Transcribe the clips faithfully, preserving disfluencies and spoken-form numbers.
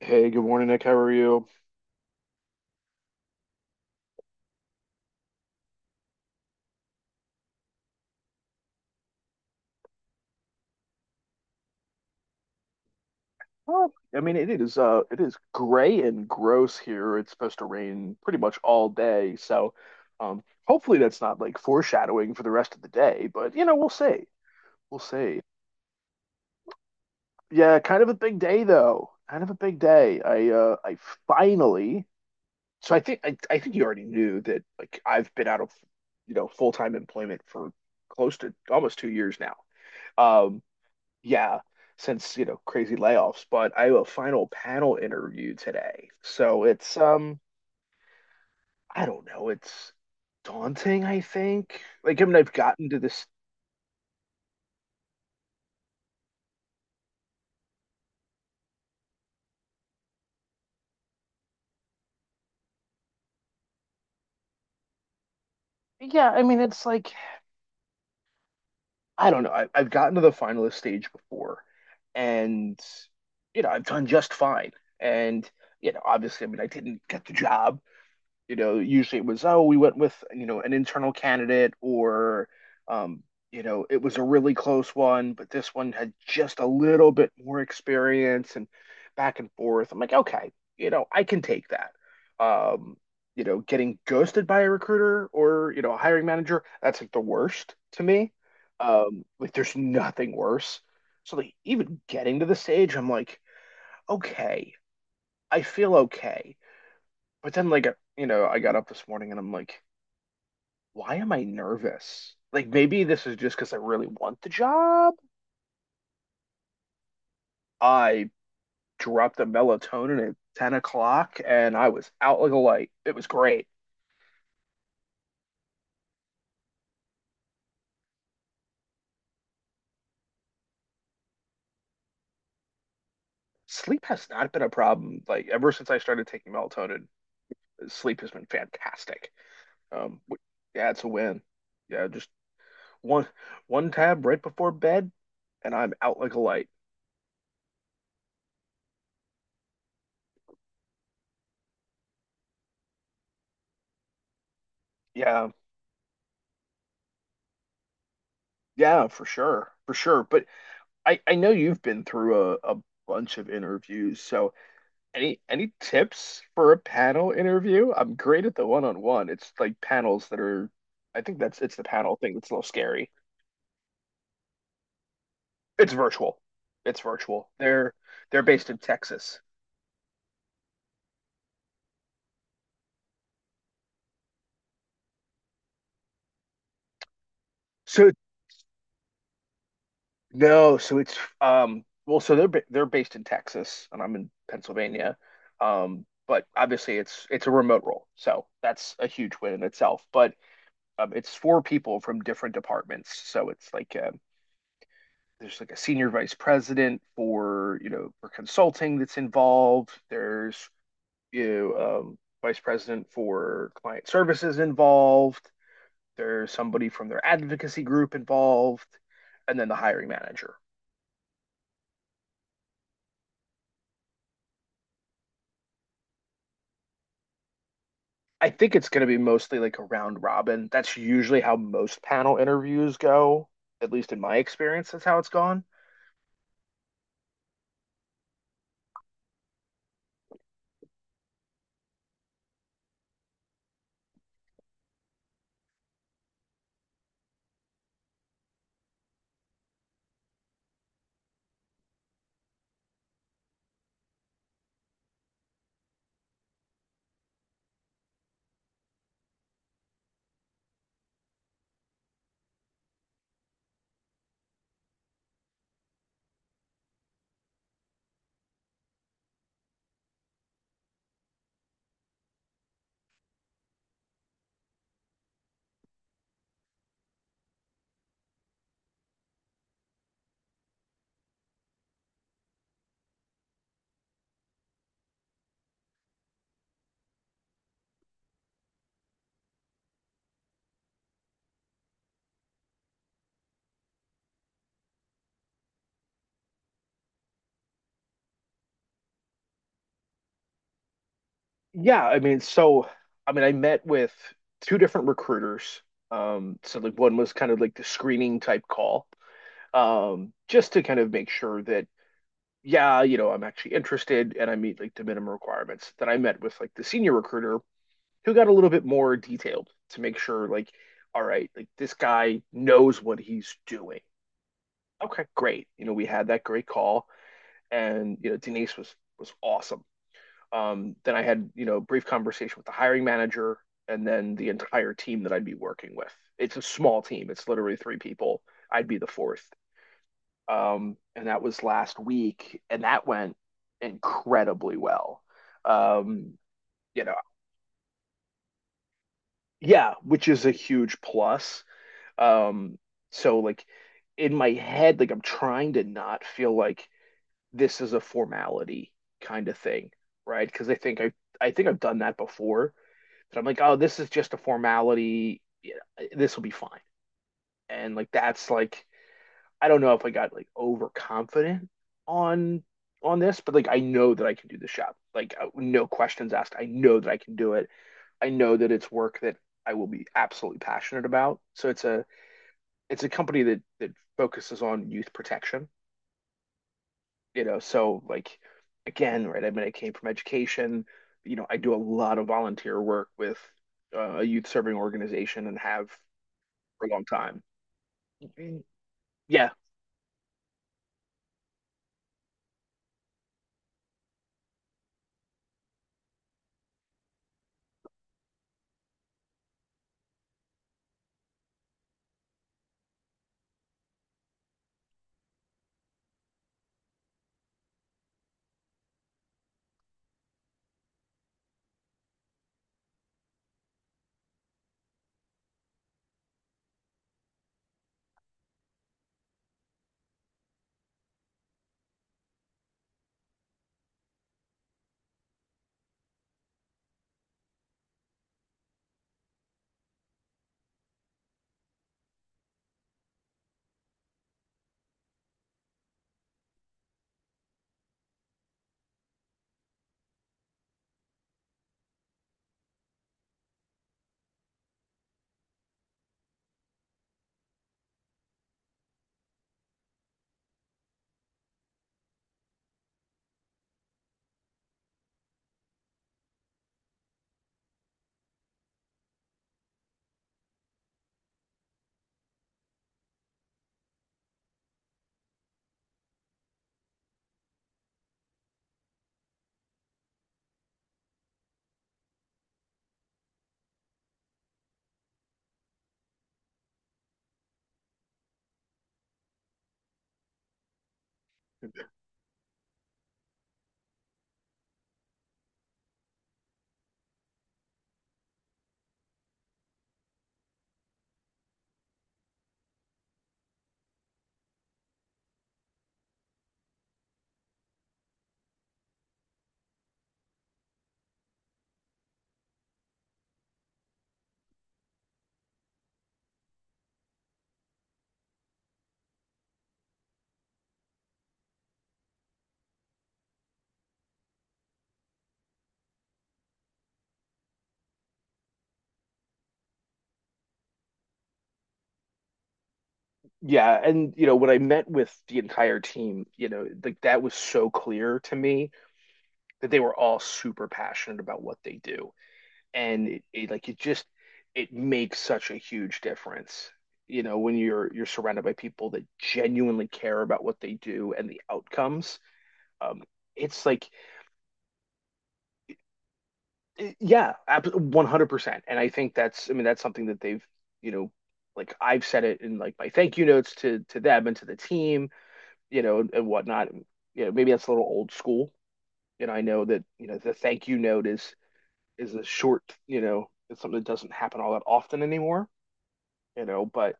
Hey, good morning, Nick. How are you? Well, I mean, it is uh, it is gray and gross here. It's supposed to rain pretty much all day, so um, hopefully that's not like foreshadowing for the rest of the day. But you know, we'll see. We'll see. Yeah, kind of a big day though. Kind of a big day. I uh, I finally. So I think I, I think you already knew that. Like I've been out of, you know, full-time employment for close to almost two years now. Um, yeah, since, you know, crazy layoffs, but I have a final panel interview today. So it's um I don't know, it's daunting, I think. Like, I mean, I've gotten to this. Yeah, I mean, it's like I don't know. I, I've gotten to the finalist stage before, and you know, I've done just fine. And you know, obviously, I mean I didn't get the job. You know, usually it was, oh, we went with, you know, an internal candidate, or, um, you know, it was a really close one, but this one had just a little bit more experience and back and forth. I'm like, okay, you know, I can take that. Um, you know, getting ghosted by a recruiter, or, you know, a hiring manager, that's like the worst to me. Um, like there's nothing worse. So like even getting to the stage, I'm like, okay, I feel okay. But then, like, you know, I got up this morning and I'm like, why am I nervous? Like maybe this is just because I really want the job. I dropped the melatonin at ten o'clock and I was out like a light. It was great. Sleep has not been a problem. Like ever since I started taking melatonin, sleep has been fantastic. Um, yeah, it's a win. Yeah, just one one tab right before bed and I'm out like a light. Yeah. Yeah, for sure. For sure. But I I know you've been through a, a bunch of interviews, so any any tips for a panel interview? I'm great at the one-on-one. It's like panels that are, I think that's it's the panel thing that's a little scary. It's virtual. It's virtual. They're they're based in Texas. So no, so it's um well, so they're ba- they're based in Texas and I'm in Pennsylvania. Um, but obviously it's it's a remote role, so that's a huge win in itself. But um, it's four people from different departments, so it's like, um, there's like a senior vice president for, you know, for consulting that's involved. There's, you know, um, vice president for client services involved. There's somebody from their advocacy group involved. And then the hiring manager. I think it's going to be mostly like a round robin. That's usually how most panel interviews go, at least in my experience. That's how it's gone. Yeah, I mean, so I mean, I met with two different recruiters. Um, so like one was kind of like the screening type call, um, just to kind of make sure that, yeah, you know, I'm actually interested and I meet like the minimum requirements. Then I met with like the senior recruiter, who got a little bit more detailed to make sure like, all right, like this guy knows what he's doing. Okay, great. You know, we had that great call, and you know, Denise was was awesome. Um, then I had, you know, a brief conversation with the hiring manager, and then the entire team that I'd be working with. It's a small team. It's literally three people. I'd be the fourth, um, and that was last week, and that went incredibly well. Um, you know, yeah, which is a huge plus. Um, so like in my head, like I'm trying to not feel like this is a formality kind of thing, right? Because I think I I think I've done that before. That I'm like, oh, this is just a formality. You know, this will be fine. And like that's like, I don't know if I got like overconfident on on this, but like I know that I can do the job. Like uh, no questions asked. I know that I can do it. I know that it's work that I will be absolutely passionate about. So it's a it's a company that that focuses on youth protection. You know, so like, again, right? I mean, I came from education. You know, I do a lot of volunteer work with uh, a youth serving organization, and have for a long time. Yeah, yeah, and you know, when I met with the entire team, you know, like that was so clear to me, that they were all super passionate about what they do, and it, it like it just it makes such a huge difference. You know, when you're you're surrounded by people that genuinely care about what they do and the outcomes, um, it's like, eh, yeah, ab- one hundred percent. And I think that's, I mean, that's something that they've, you know, like I've said it in like my thank you notes to to them and to the team, you know, and, and whatnot. You know, maybe that's a little old school. And I know that, you know, the thank you note is is a short, you know, it's something that doesn't happen all that often anymore, you know, but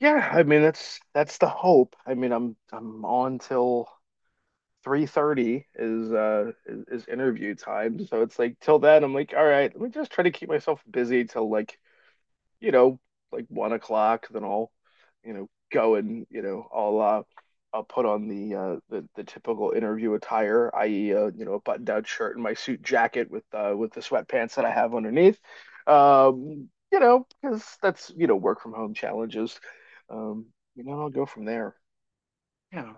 yeah, I mean, that's that's the hope. I mean I'm I'm on till three thirty is uh is, is interview time. So it's like till then I'm like, all right, let me just try to keep myself busy till, like, you know, like one o'clock, then I'll, you know, go and, you know, I'll uh I'll put on the uh the, the typical interview attire, that is uh, you know, a button down shirt and my suit jacket with uh with the sweatpants that I have underneath. Um, you know, because that's, you know, work from home challenges. Um, you know, I'll go from there. Yeah.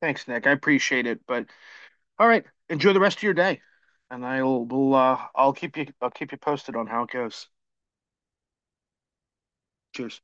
Thanks, Nick. I appreciate it. But all right, enjoy the rest of your day. And I'll will uh I'll keep you I'll keep you posted on how it goes. Cheers.